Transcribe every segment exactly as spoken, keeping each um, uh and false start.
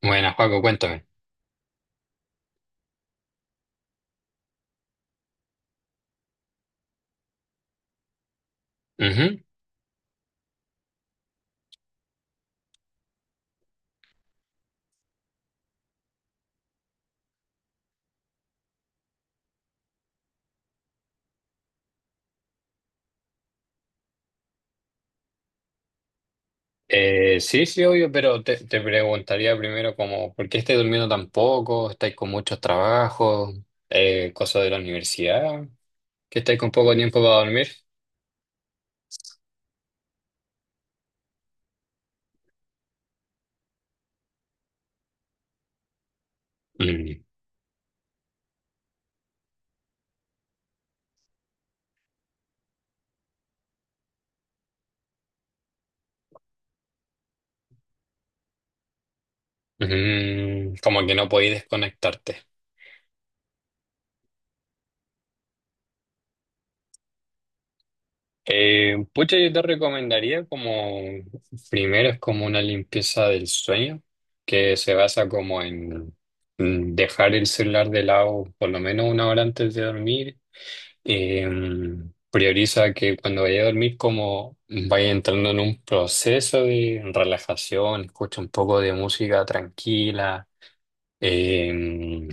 Buenas, Paco, cuéntame. Ujú. Eh, sí, sí, obvio, pero te, te preguntaría primero como, ¿por qué estáis durmiendo tan poco? ¿Estáis con muchos trabajos? Eh, ¿cosas de la universidad? ¿Que estáis con poco tiempo para dormir? Mm. Mm, como que no podéis desconectarte. Eh, pucha, yo te recomendaría como, primero es como una limpieza del sueño, que se basa como en mm, dejar el celular de lado por lo menos una hora antes de dormir. Eh, prioriza que cuando vaya a dormir como vaya entrando en un proceso de relajación, escucha un poco de música tranquila. eh,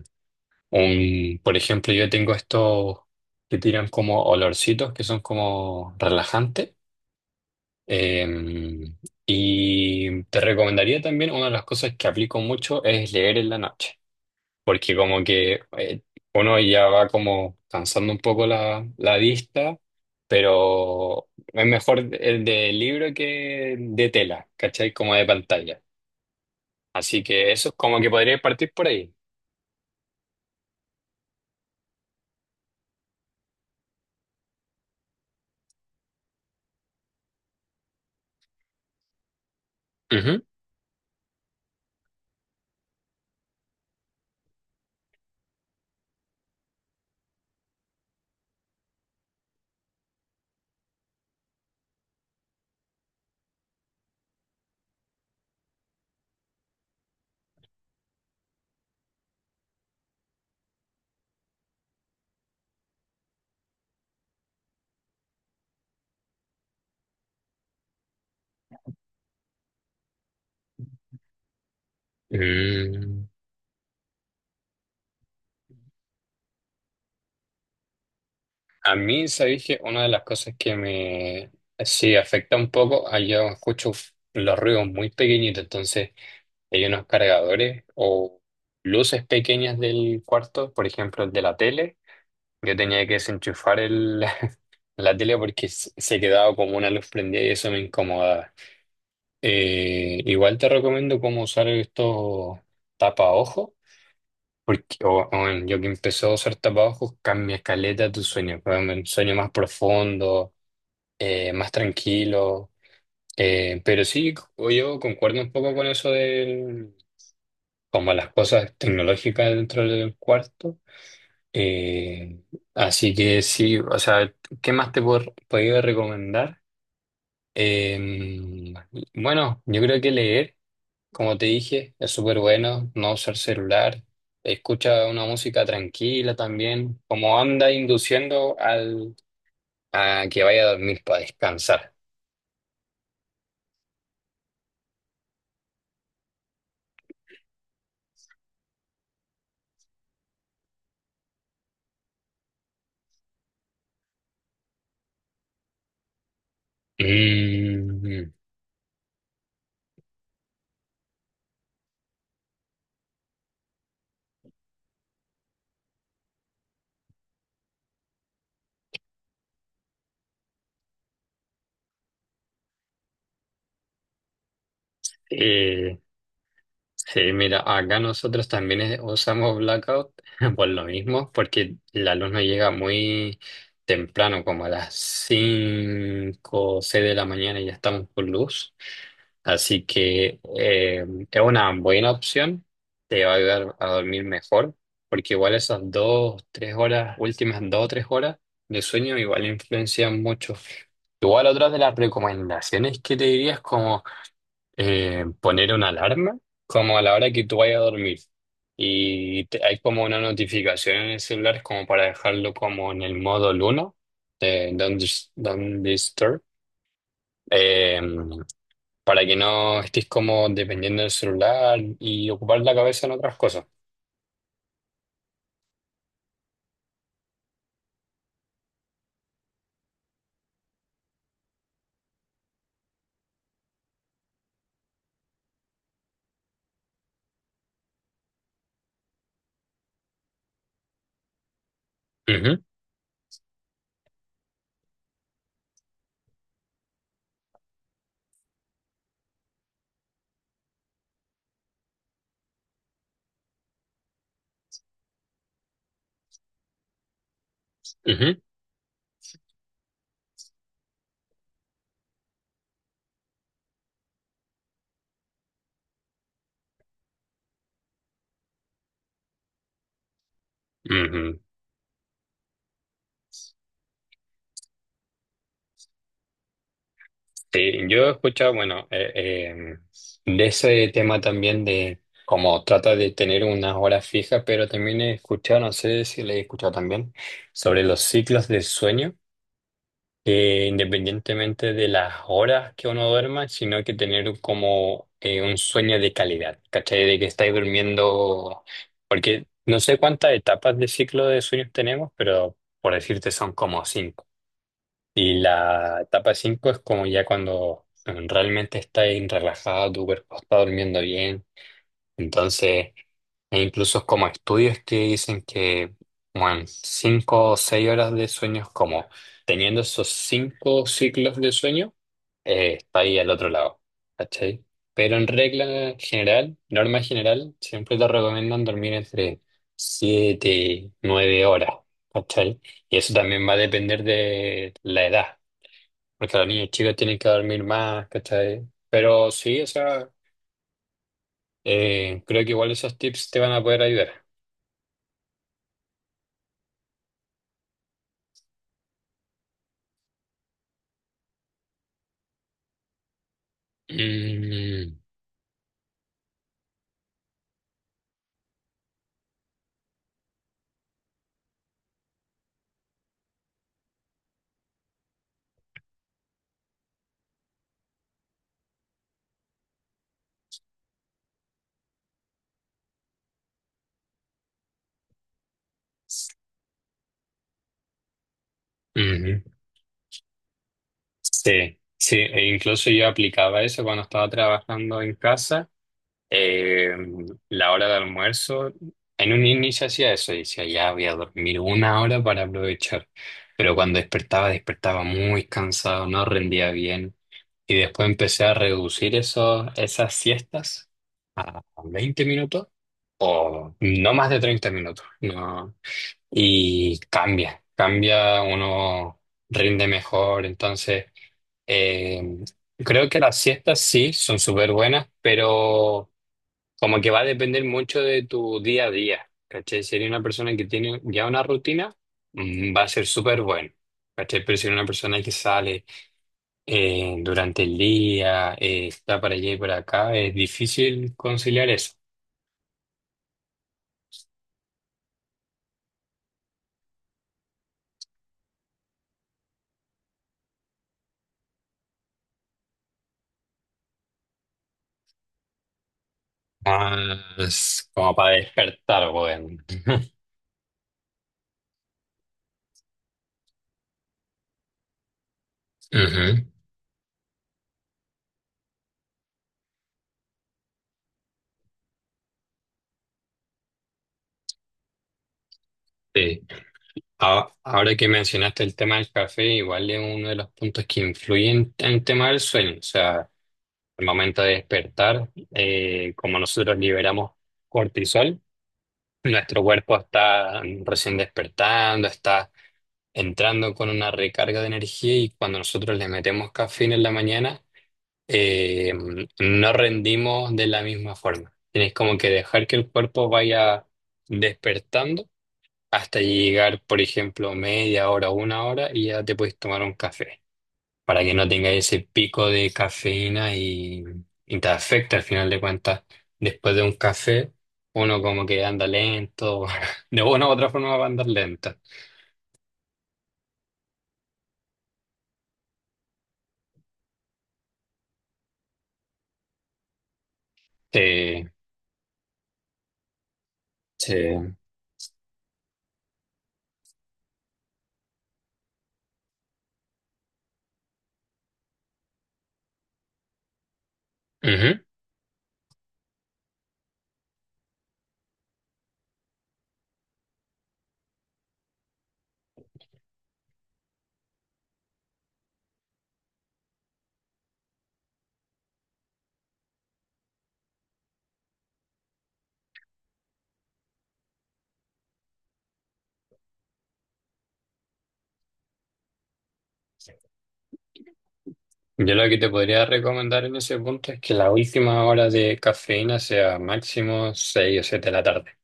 un, por ejemplo, yo tengo estos que tiran como olorcitos que son como relajantes. eh, y te recomendaría también, una de las cosas que aplico mucho es leer en la noche, porque como que eh, uno ya va como cansando un poco la, la vista, pero es mejor el de libro que de tela, ¿cachai? Como de pantalla. Así que eso es como que podría partir por ahí. Ujú. Mm. A mí, sabéis que una de las cosas que me sí afecta un poco, ah, yo escucho los ruidos muy pequeñitos, entonces hay unos cargadores o luces pequeñas del cuarto, por ejemplo, el de la tele. Yo tenía que desenchufar el, la tele porque se se quedaba como una luz prendida y eso me incomodaba. Eh, igual te recomiendo cómo usar estos tapaojos, porque o- o en- yo que empecé a usar tapaojos cambia caleta tu sueño, weón, un sueño más profundo, eh, más tranquilo. Eh, pero sí, o yo concuerdo un poco con eso de como las cosas tecnológicas dentro del cuarto. Eh, así que sí, o sea, ¿qué más te puedo- podría recomendar? Eh, bueno, yo creo que leer, como te dije, es súper bueno, no usar celular, escucha una música tranquila también, como anda induciendo al, a que vaya a dormir para descansar. Mm, eh, Sí, mira, acá nosotros también es- usamos blackout por lo mismo, porque el alumno llega muy temprano, como a las cinco o seis de la mañana y ya estamos con luz. Así que eh, es una buena opción, te va a ayudar a dormir mejor, porque igual esas dos, tres horas, últimas dos o tres horas de sueño igual influencian mucho. Igual otras de las recomendaciones que te diría es como eh, poner una alarma como a la hora que tú vayas a dormir. Y te- hay como una notificación en el celular como para dejarlo como en el modo luna de Don't, Dis- Don't Disturb, eh, para que no estés como dependiendo del celular y ocupar la cabeza en otras cosas. Ujú, ujú, ujú. Sí, yo he escuchado, bueno, eh, eh, de ese tema también de cómo trata de tener unas horas fijas, pero también he escuchado, no sé si le he escuchado también, sobre los ciclos de sueño, que independientemente de las horas que uno duerma, sino que tener como eh, un sueño de calidad, ¿cachai? De que estáis durmiendo, porque no sé cuántas etapas de ciclo de sueños tenemos, pero por decirte son como cinco. Y la etapa cinco es como ya cuando mm, realmente estás relajado, tu cuerpo está durmiendo bien. Entonces, e incluso como estudios que dicen que, bueno, cinco o seis horas de sueño es como teniendo esos cinco ciclos de sueño, eh, está ahí al otro lado, ¿cachai? Pero en regla general, norma general, siempre te recomiendan dormir entre siete y nueve horas, ¿cachai? Y eso también va a depender de la edad. Porque las niñas chicas tienen que dormir más, ¿cachai? Pero sí, o sea, eh, creo que igual esos tips te van a poder ayudar. Mm, ujú. Sí, sí, e incluso yo aplicaba eso cuando estaba trabajando en casa. Eh, la hora de almuerzo, en un inicio hacía eso, decía, ya voy a dormir una hora para aprovechar. Pero cuando despertaba, despertaba muy cansado, no rendía bien. Y después empecé a reducir esos, esas siestas a veinte minutos o no más de treinta minutos. No. Y cambia, cambia, uno rinde mejor. Entonces, eh, creo que las siestas sí son súper buenas, pero como que va a depender mucho de tu día a día. ¿Cachai? Si eres una persona que tiene ya una rutina, mm, va a ser súper bueno. ¿Cachai? Pero si eres una persona que sale eh, durante el día, eh, está para allá y para acá, es difícil conciliar eso. Más como para despertar, bueno. Ujú, sí. A- Ahora que mencionaste el tema del café, igual es uno de los puntos que influyen en el tema del sueño. O sea, el momento de despertar, eh, como nosotros liberamos cortisol, nuestro cuerpo está recién despertando, está entrando con una recarga de energía y cuando nosotros le metemos cafeína en la mañana, eh, no rendimos de la misma forma. Tienes como que dejar que el cuerpo vaya despertando hasta llegar, por ejemplo, media hora, una hora y ya te puedes tomar un café para que no tengas ese pico de cafeína y, y te afecta al final de cuentas. Después de un café, uno como que anda lento, de una u otra forma va a andar lento. Eh, sí. Ujú. Yo lo que te podría recomendar en ese punto es que la última hora de cafeína sea máximo seis o siete de la tarde.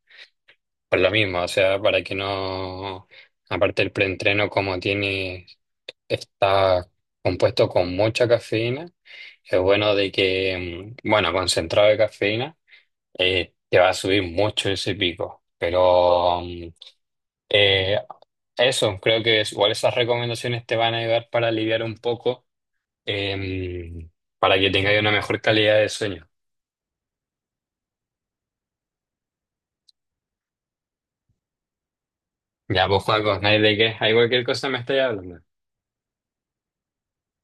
Por lo mismo, o sea, para que no, aparte el preentreno como tiene, está compuesto con mucha cafeína, es bueno de que, mm, bueno, concentrado de cafeína, eh, te va a subir mucho ese pico. Pero mm, eh, eso, creo que es- igual esas recomendaciones te van a ayudar para aliviar un poco em, para que tengáis una mejor calidad de sueño. Ya, pues, Juaco, no hay de qué. Hay cualquier cosa me estáis hablando.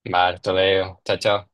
Vale, hasta luego. Chao, chao.